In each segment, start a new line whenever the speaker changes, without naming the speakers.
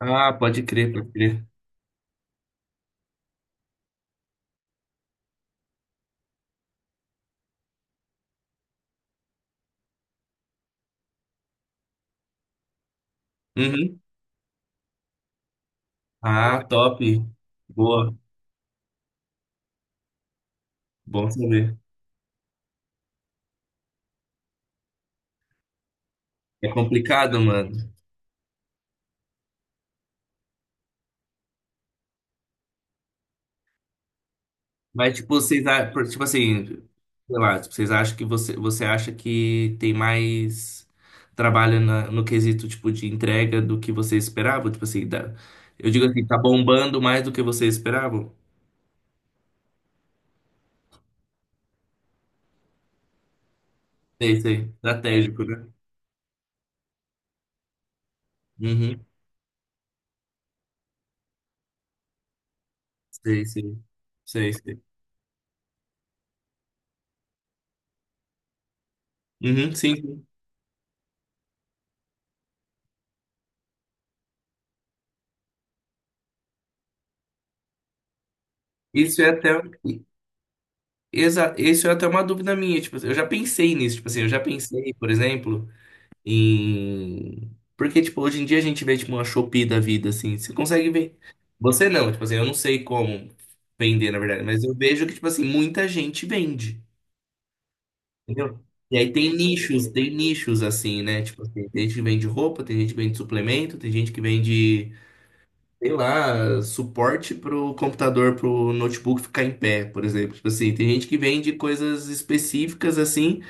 Ah, pode crer, pode crer. Uhum. Ah, top. Boa. Bom saber. É complicado, mano. Mas, tipo, vocês, tipo assim, sei lá, tipo, você acha que tem mais trabalho no quesito, tipo, de entrega do que você esperava? Tipo assim, eu digo assim, tá bombando mais do que você esperava? Sei, sei. Estratégico, né? Uhum. Sei, sei. Sei, sei. Uhum, sim, sim. Isso é até. Exa Isso é até uma dúvida minha, tipo assim, eu já pensei nisso, tipo assim, eu já pensei, por exemplo, em... Porque, tipo, hoje em dia a gente vê, tipo, uma Shopee da vida, assim, você consegue ver. Você não, tipo assim, eu não sei como vender, na verdade, mas eu vejo que, tipo assim, muita gente vende, entendeu? E aí tem nichos, assim, né? Tipo assim, tem gente que vende roupa, tem gente que vende suplemento, tem gente que vende sei lá, suporte pro computador, pro notebook ficar em pé, por exemplo. Tipo assim, tem gente que vende coisas específicas assim,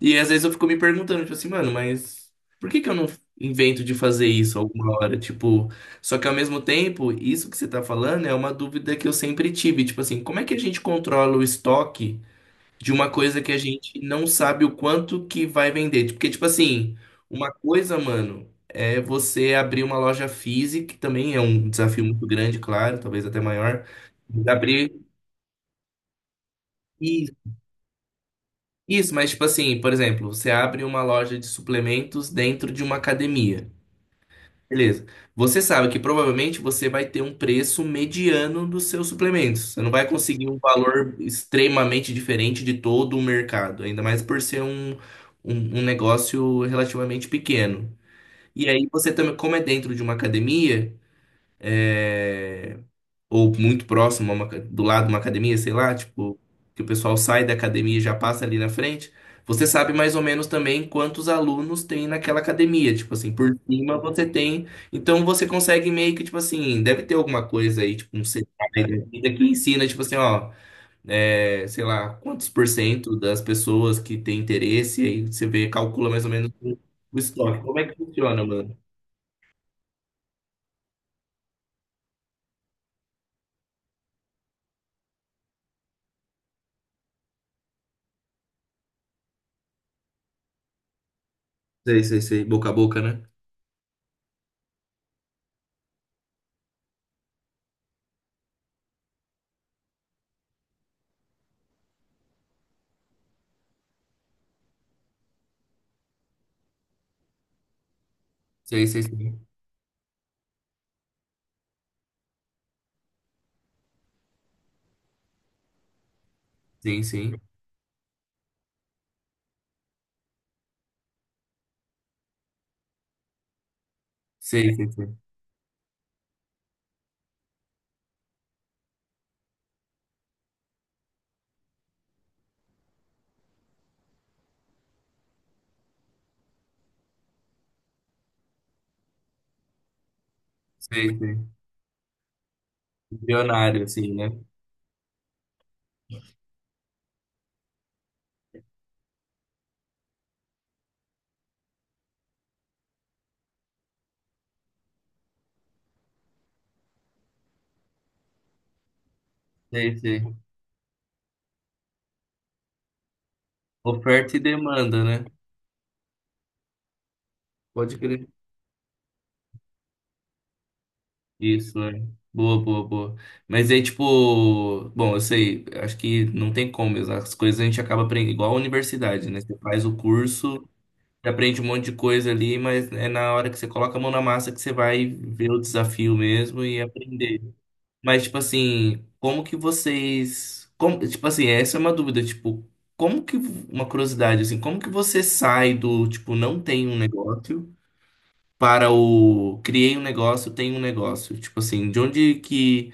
e às vezes eu fico me perguntando, tipo assim, mano, mas por que que eu não invento de fazer isso alguma hora? Tipo, só que ao mesmo tempo, isso que você tá falando é uma dúvida que eu sempre tive, tipo assim, como é que a gente controla o estoque de uma coisa que a gente não sabe o quanto que vai vender? Porque, tipo assim, uma coisa, mano, é você abrir uma loja física, que também é um desafio muito grande, claro, talvez até maior, mas abrir isso, isso, mas tipo assim, por exemplo, você abre uma loja de suplementos dentro de uma academia. Beleza. Você sabe que provavelmente você vai ter um preço mediano dos seus suplementos. Você não vai conseguir um valor extremamente diferente de todo o mercado, ainda mais por ser um, um, um negócio relativamente pequeno. E aí você também, como é dentro de uma academia, é, ou muito próximo, do lado de uma academia, sei lá, tipo, que o pessoal sai da academia e já passa ali na frente, você sabe mais ou menos também quantos alunos tem naquela academia, tipo assim, por cima você tem, então você consegue meio que, tipo assim, deve ter alguma coisa aí, tipo um CPI da vida que ensina, tipo assim, ó, é, sei lá, quantos por cento das pessoas que tem interesse, aí você vê, calcula mais ou menos o estoque. Como é que funciona, mano? Sei, sei, sei, boca a boca, né? Sei, sei, sei. Sim, sim. Sei, sei, sei. Sei, sei. Bilionário, assim, né? Sei, sei. Oferta e demanda, né? Pode crer. Isso, né? Boa, boa, boa. Mas aí, tipo, bom, eu sei, acho que não tem como, mesmo. As coisas a gente acaba aprendendo, igual a universidade, né? Você faz o curso, você aprende um monte de coisa ali, mas é na hora que você coloca a mão na massa que você vai ver o desafio mesmo e aprender. Mas, tipo assim, como que vocês. Como, tipo assim, essa é uma dúvida, tipo, como que. Uma curiosidade, assim, como que você sai do, tipo, não tem um negócio para o criei um negócio, tem um negócio? Tipo assim, de onde que.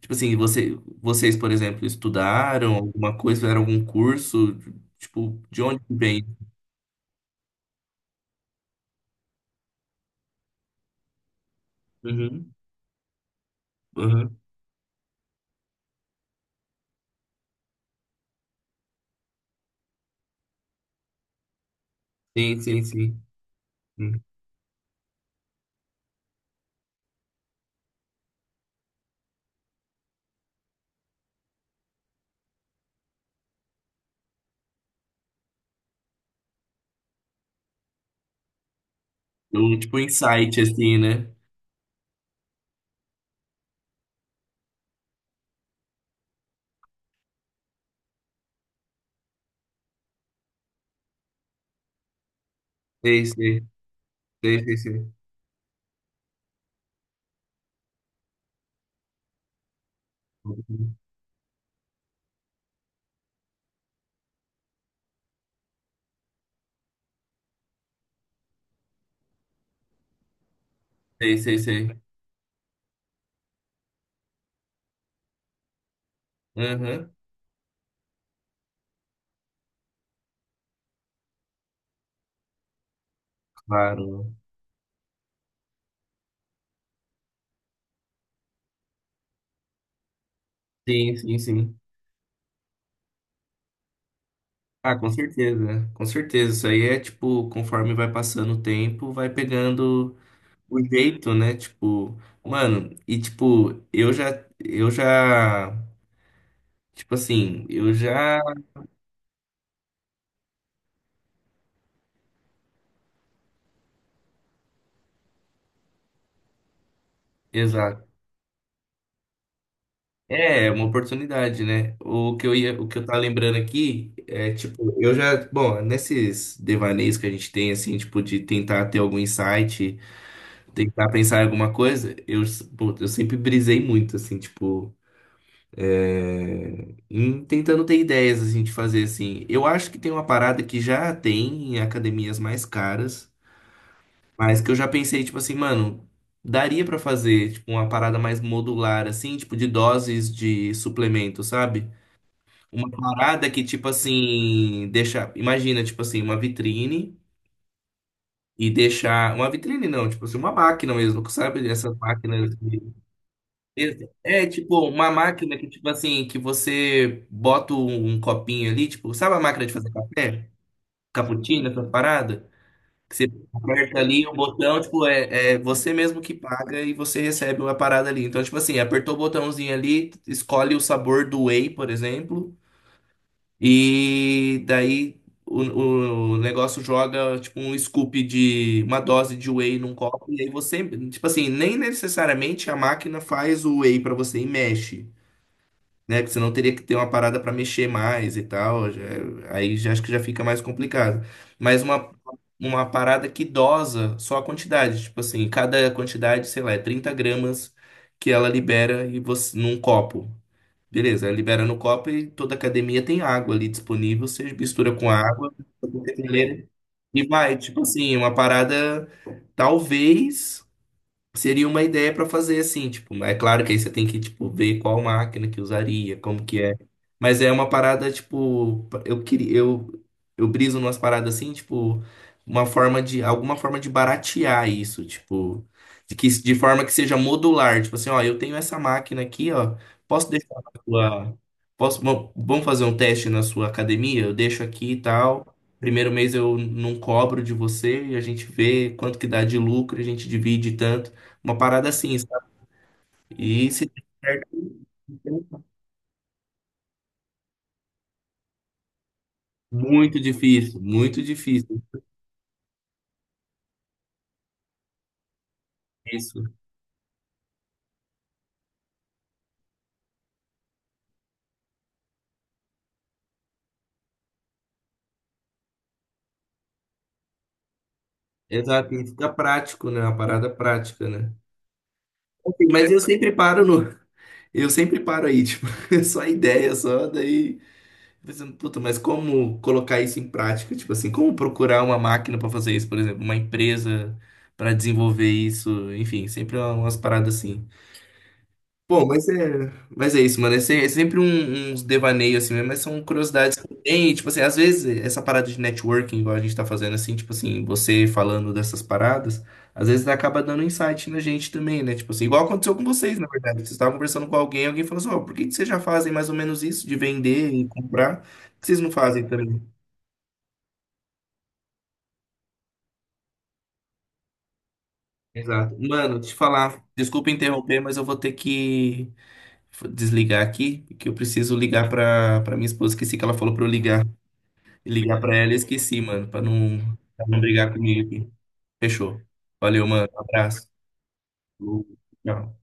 Tipo assim, vocês, por exemplo, estudaram alguma coisa, fizeram algum curso? Tipo, de onde que vem? Uhum, uhum. Sim, sim, sim. Hum. O, tipo, insight, assim, né? Sei, sei, sei, sei, sei. Sei, sei, sei. Aham. Claro. Sim, sim, sim. Ah, com certeza, com certeza. Isso aí é tipo, conforme vai passando o tempo, vai pegando o jeito, né? Tipo, mano, eu já, exato. É, é uma oportunidade, né? O que eu tava lembrando aqui é tipo, eu já, bom, nesses devaneios que a gente tem assim, tipo de tentar ter algum insight, tentar pensar em alguma coisa, eu, pô, eu sempre brisei muito assim, tipo hum, tentando ter ideias assim, de fazer assim. Eu acho que tem uma parada que já tem em academias mais caras, mas que eu já pensei, tipo assim, mano, daria pra fazer tipo, uma parada mais modular, assim, tipo de doses de suplemento, sabe? Uma parada que, tipo assim, deixa. Imagina, tipo assim, uma vitrine e deixar. Uma vitrine não, tipo assim, uma máquina mesmo, sabe? Essas máquinas. É tipo uma máquina que, tipo assim, que você bota um copinho ali, tipo, sabe a máquina de fazer café? Cappuccino, essa parada? Que você aperta ali o botão, tipo, é você mesmo que paga e você recebe uma parada ali. Então, tipo assim, apertou o botãozinho ali, escolhe o sabor do whey, por exemplo, e daí o, o negócio joga, tipo, um scoop de, uma dose de whey num copo, e aí você, tipo assim, nem necessariamente a máquina faz o whey pra você e mexe, né? Que você não teria que ter uma parada para mexer mais e tal. Aí já acho que já fica mais complicado. Mas uma, uma parada que dosa só a quantidade. Tipo assim, cada quantidade, sei lá, é 30 gramas que ela libera e você, num copo. Beleza, ela libera no copo e toda academia tem água ali disponível. Você mistura com água, com coqueteleira, e vai. Tipo assim, uma parada. Talvez. Seria uma ideia para fazer assim, tipo, é claro que aí você tem que tipo ver qual máquina que usaria, como que é. Mas é uma parada tipo, eu queria eu briso numas paradas assim, tipo, uma forma de alguma forma de baratear isso, tipo, de que de forma que seja modular, tipo assim, ó, eu tenho essa máquina aqui, ó, posso deixar na sua vamos fazer um teste na sua academia? Eu deixo aqui e tal. Primeiro mês eu não cobro de você e a gente vê quanto que dá de lucro, a gente divide tanto. Uma parada assim, sabe? E se der certo, muito difícil, muito difícil. Isso. Exato, e fica prático, né? Uma parada prática, né? Assim, Mas eu sempre paro no. Eu sempre paro aí, tipo, só ideia, só daí. Pensando, puta, mas como colocar isso em prática? Tipo assim, como procurar uma máquina para fazer isso, por exemplo, uma empresa para desenvolver isso, enfim, sempre é umas paradas assim. Bom, mas é isso, mano. É, é sempre uns devaneios assim mesmo, mas são curiosidades que tem. Tipo assim, às vezes essa parada de networking, igual a gente tá fazendo assim, tipo assim, você falando dessas paradas, às vezes acaba dando insight na gente também, né? Tipo assim, igual aconteceu com vocês, na verdade. Vocês estavam conversando com alguém, alguém falou assim: Ó, por que que vocês já fazem mais ou menos isso de vender e comprar? Por que vocês não fazem também. Exato. Mano, deixa eu te falar, desculpa interromper, mas eu vou ter que desligar aqui, que eu preciso ligar pra, pra minha esposa. Esqueci que ela falou pra eu ligar. Ligar pra ela e esqueci, mano, pra não brigar comigo aqui. Fechou. Valeu, mano. Abraço. Tchau.